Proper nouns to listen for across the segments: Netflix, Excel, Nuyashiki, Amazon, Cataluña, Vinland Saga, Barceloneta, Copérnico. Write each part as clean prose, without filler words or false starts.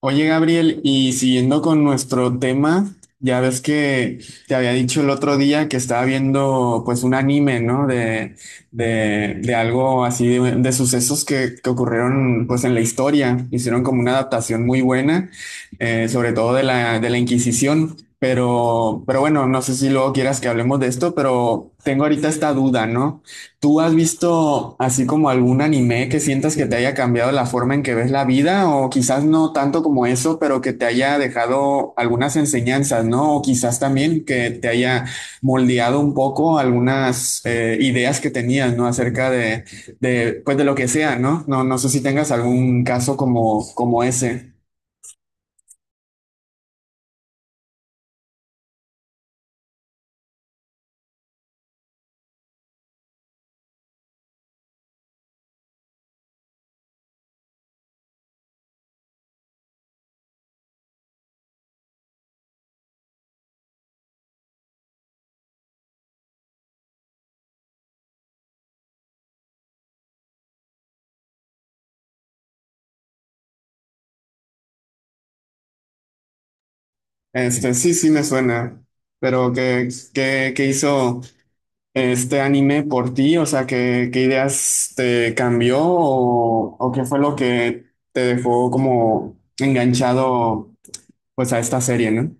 Oye, Gabriel, y siguiendo con nuestro tema, ya ves que te había dicho el otro día que estaba viendo pues un anime, ¿no? De algo así, de sucesos que ocurrieron pues en la historia. Hicieron como una adaptación muy buena, sobre todo de la Inquisición. Pero bueno, no sé si luego quieras que hablemos de esto, pero tengo ahorita esta duda, ¿no? ¿Tú has visto así como algún anime que sientas que te haya cambiado la forma en que ves la vida? O quizás no tanto como eso, pero que te haya dejado algunas enseñanzas, ¿no? O quizás también que te haya moldeado un poco algunas ideas que tenías, ¿no? Acerca de pues de lo que sea, ¿no? No sé si tengas algún caso como, como ese. Este, sí, sí me suena, pero ¿qué hizo este anime por ti? O sea, ¿qué ideas te cambió o qué fue lo que te dejó como enganchado pues a esta serie, ¿no?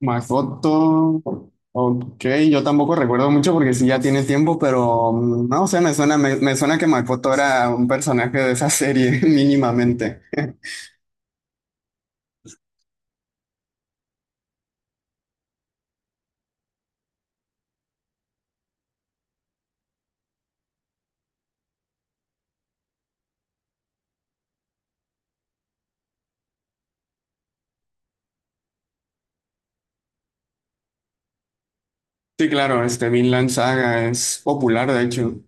Makoto, ok, yo tampoco recuerdo mucho porque sí ya tiene tiempo, pero no, o sea, me suena, me suena que Makoto era un personaje de esa serie mínimamente. Sí, claro, este Vinland Saga es popular, de hecho.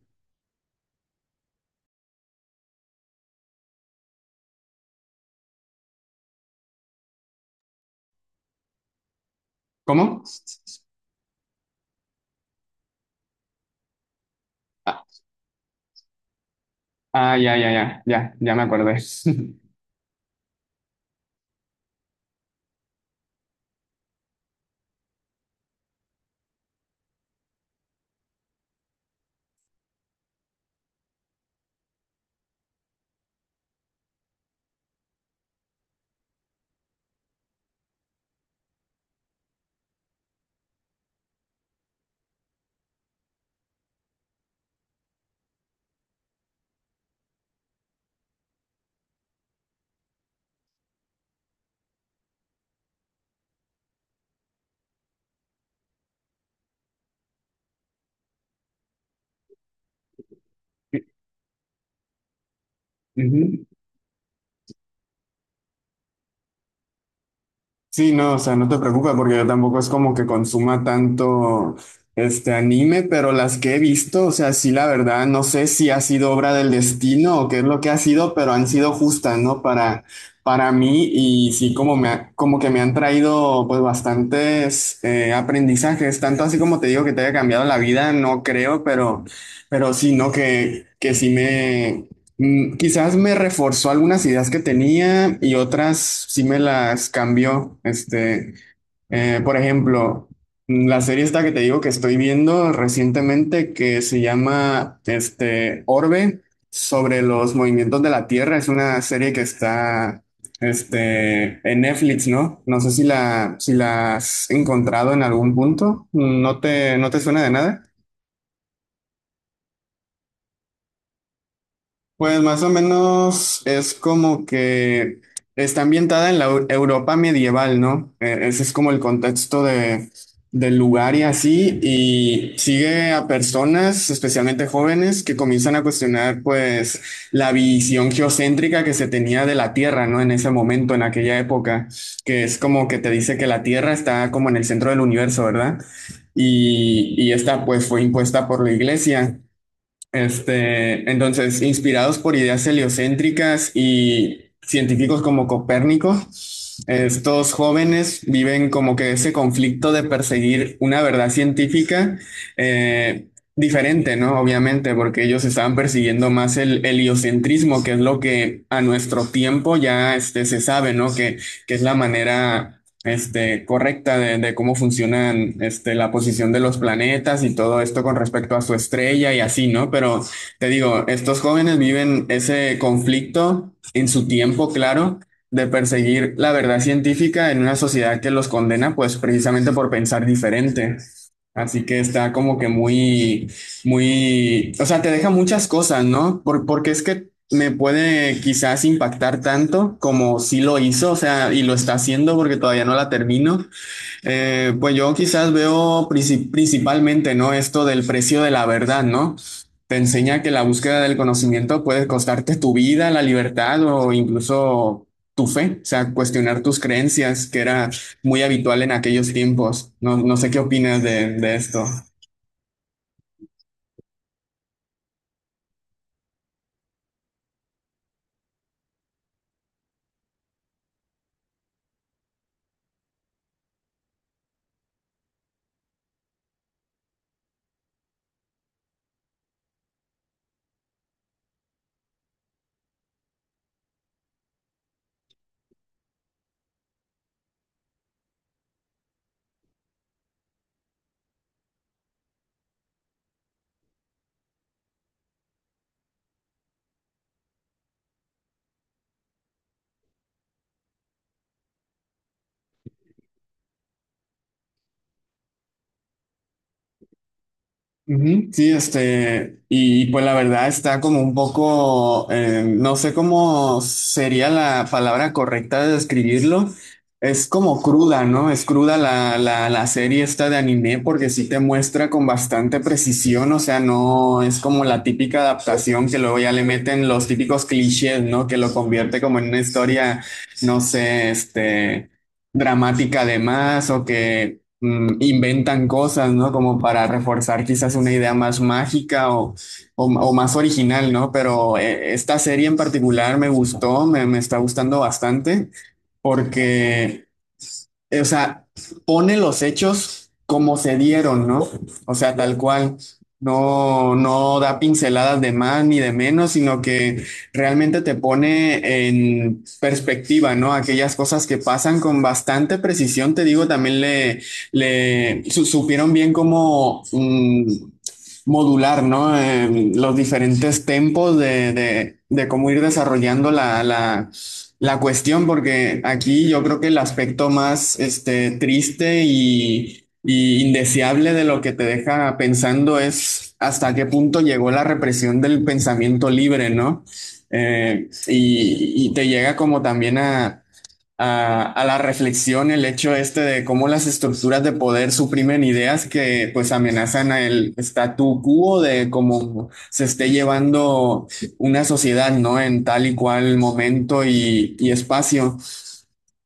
¿Cómo? Ah, ya, ya, ya, ya, ya me acordé. Ujú. Sí, no, o sea, no te preocupes porque yo tampoco es como que consuma tanto este anime, pero las que he visto, o sea, sí, la verdad, no sé si ha sido obra del destino o qué es lo que ha sido, pero han sido justas, ¿no? Para mí y sí, como me ha- como que me han traído pues bastantes aprendizajes, tanto así como te digo que te haya cambiado la vida, no creo, pero sí, ¿no? Que sí. Mm, quizás me reforzó algunas ideas que tenía y otras sí me las cambió. Este, por ejemplo, la serie esta que te digo que estoy viendo recientemente que se llama este, Orbe sobre los movimientos de la Tierra. Es una serie que está este, en Netflix, ¿no? No sé si la, si la has encontrado en algún punto. ¿No te suena de nada? Pues más o menos es como que está ambientada en la Eu- Europa medieval, ¿no? Ese es como el contexto del lugar y así, y sigue a personas, especialmente jóvenes, que comienzan a cuestionar pues la visión geocéntrica que se tenía de la Tierra, ¿no? En ese momento, en aquella época, que es como que te dice que la Tierra está como en el centro del universo, ¿verdad? Y esta pues fue impuesta por la iglesia. Este, entonces, inspirados por ideas heliocéntricas y científicos como Copérnico, estos jóvenes viven como que ese conflicto de perseguir una verdad científica eh, diferente, ¿no? Obviamente, porque ellos estaban persiguiendo más el heliocentrismo, que es lo que a nuestro tiempo ya este, se sabe, ¿no? Que es la manera este, correcta de cómo funcionan este, la posición de los planetas y todo esto con respecto a su estrella y así, ¿no? Pero te digo, estos jóvenes viven ese conflicto en su tiempo, claro, de perseguir la verdad científica en una sociedad que los condena, pues precisamente por pensar diferente. Así que está como que muy o sea, te deja muchas cosas, ¿no? Por- porque es que me puede quizás impactar tanto como si lo hizo, o sea, y lo está haciendo porque todavía no la termino. Pues yo quizás veo princip- principalmente, ¿no? Esto del precio de la verdad, ¿no? Te enseña que la búsqueda del conocimiento puede costarte tu vida, la libertad o incluso tu fe, o sea, cuestionar tus creencias, que era muy habitual en aquellos tiempos. No sé qué opinas de esto. Ujú, sí, este, y pues la verdad está como un poco, no sé cómo sería la palabra correcta de describirlo. Es como cruda, ¿no? Es cruda la serie esta de anime porque sí te muestra con bastante precisión, o sea, no es como la típica adaptación que luego ya le meten los típicos clichés, ¿no? Que lo convierte como en una historia, no sé, este dramática además o que inventan cosas, ¿no? Como para reforzar quizás una idea más mágica o más original, ¿no? Pero esta serie en particular me gustó, me está gustando bastante porque o sea, pone los hechos como se dieron, ¿no? O sea, tal cual. No da pinceladas de más ni de menos, sino que realmente te pone en perspectiva, ¿no? Aquellas cosas que pasan con bastante precisión, te digo, también le su- supieron bien cómo modular, ¿no? Los diferentes tempos de cómo ir desarrollando la cuestión, porque aquí yo creo que el aspecto más este, triste y indeseable de lo que te deja pensando es hasta qué punto llegó la represión del pensamiento libre, ¿no? Y te llega como también a la reflexión el hecho este de cómo las estructuras de poder suprimen ideas que pues amenazan el statu quo de cómo se esté llevando una sociedad, ¿no? En tal y cual momento y espacio.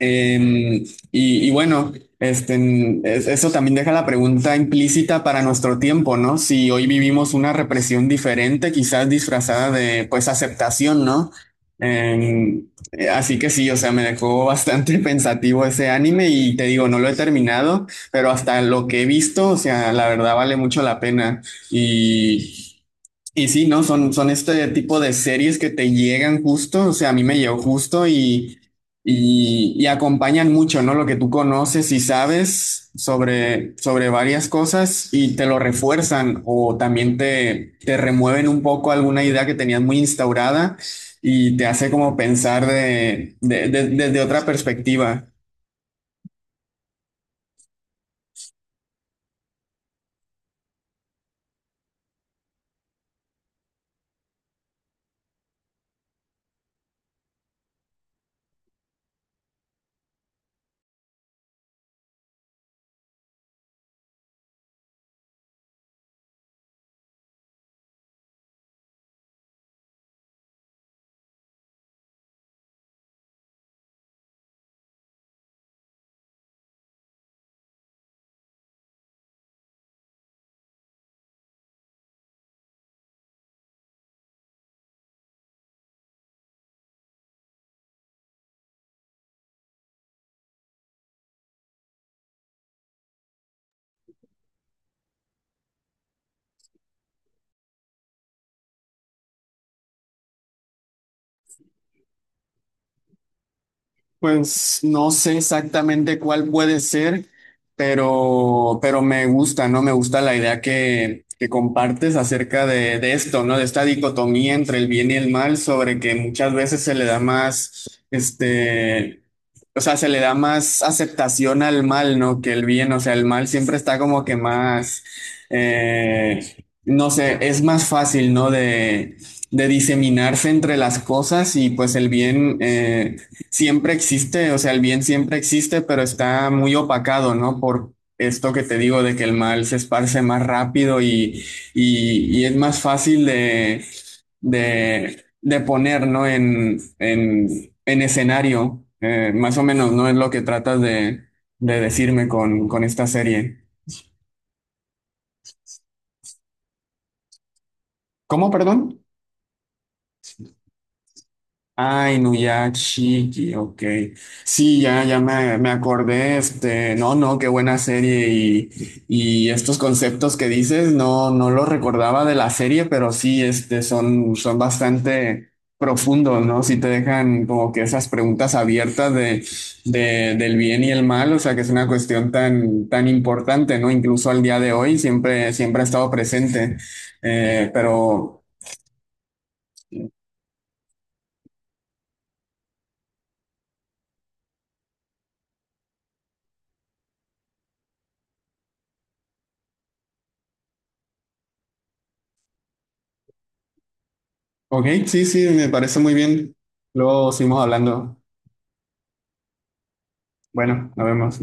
Em, y bueno, este, en- es- eso también deja la pregunta implícita para nuestro tiempo, ¿no? Si hoy vivimos una represión diferente, quizás disfrazada de, pues, aceptación, ¿no? Em, así que sí, o sea, me dejó bastante pensativo ese anime y te digo, no lo he terminado, pero hasta lo que he visto, o sea, la verdad vale mucho la pena. Y y sí, ¿no? Son, son este tipo de series que te llegan justo, o sea, a mí me llegó justo y acompañan mucho, ¿no? Lo que tú conoces y sabes sobre, sobre varias cosas y te lo refuerzan o también te remueven un poco alguna idea que tenías muy instaurada y te hace como pensar desde otra perspectiva. Pues no sé exactamente cuál puede ser, pero me gusta, ¿no? Me gusta la idea que compartes acerca de esto, ¿no? De esta dicotomía entre el bien y el mal, sobre que muchas veces se le da más, este, o sea, se le da más aceptación al mal, ¿no? Que el bien, o sea, el mal siempre está como que más, eh, no sé, es más fácil, ¿no? De diseminarse entre las cosas y pues el bien, siempre existe, o sea, el bien siempre existe, pero está muy opacado, ¿no? Por esto que te digo de que el mal se esparce más rápido y es más fácil de poner, ¿no? En escenario. Más o menos, ¿no? Es lo que tratas de decirme con esta serie. ¿Cómo, perdón? Ay, Nuyashiki, ok. Sí, ya me acordé, este, no, no, qué buena serie y estos conceptos que dices, no los recordaba de la serie, pero sí, este, son, son bastante profundos, ¿no? Sí te dejan como que esas preguntas abiertas de del bien y el mal, o sea, que es una cuestión tan, tan importante, ¿no? Incluso al día de hoy siempre, siempre ha estado presente. Pero... Ok, sí, sí, me parece muy bien. Luego seguimos hablando. Bueno, nos vemos.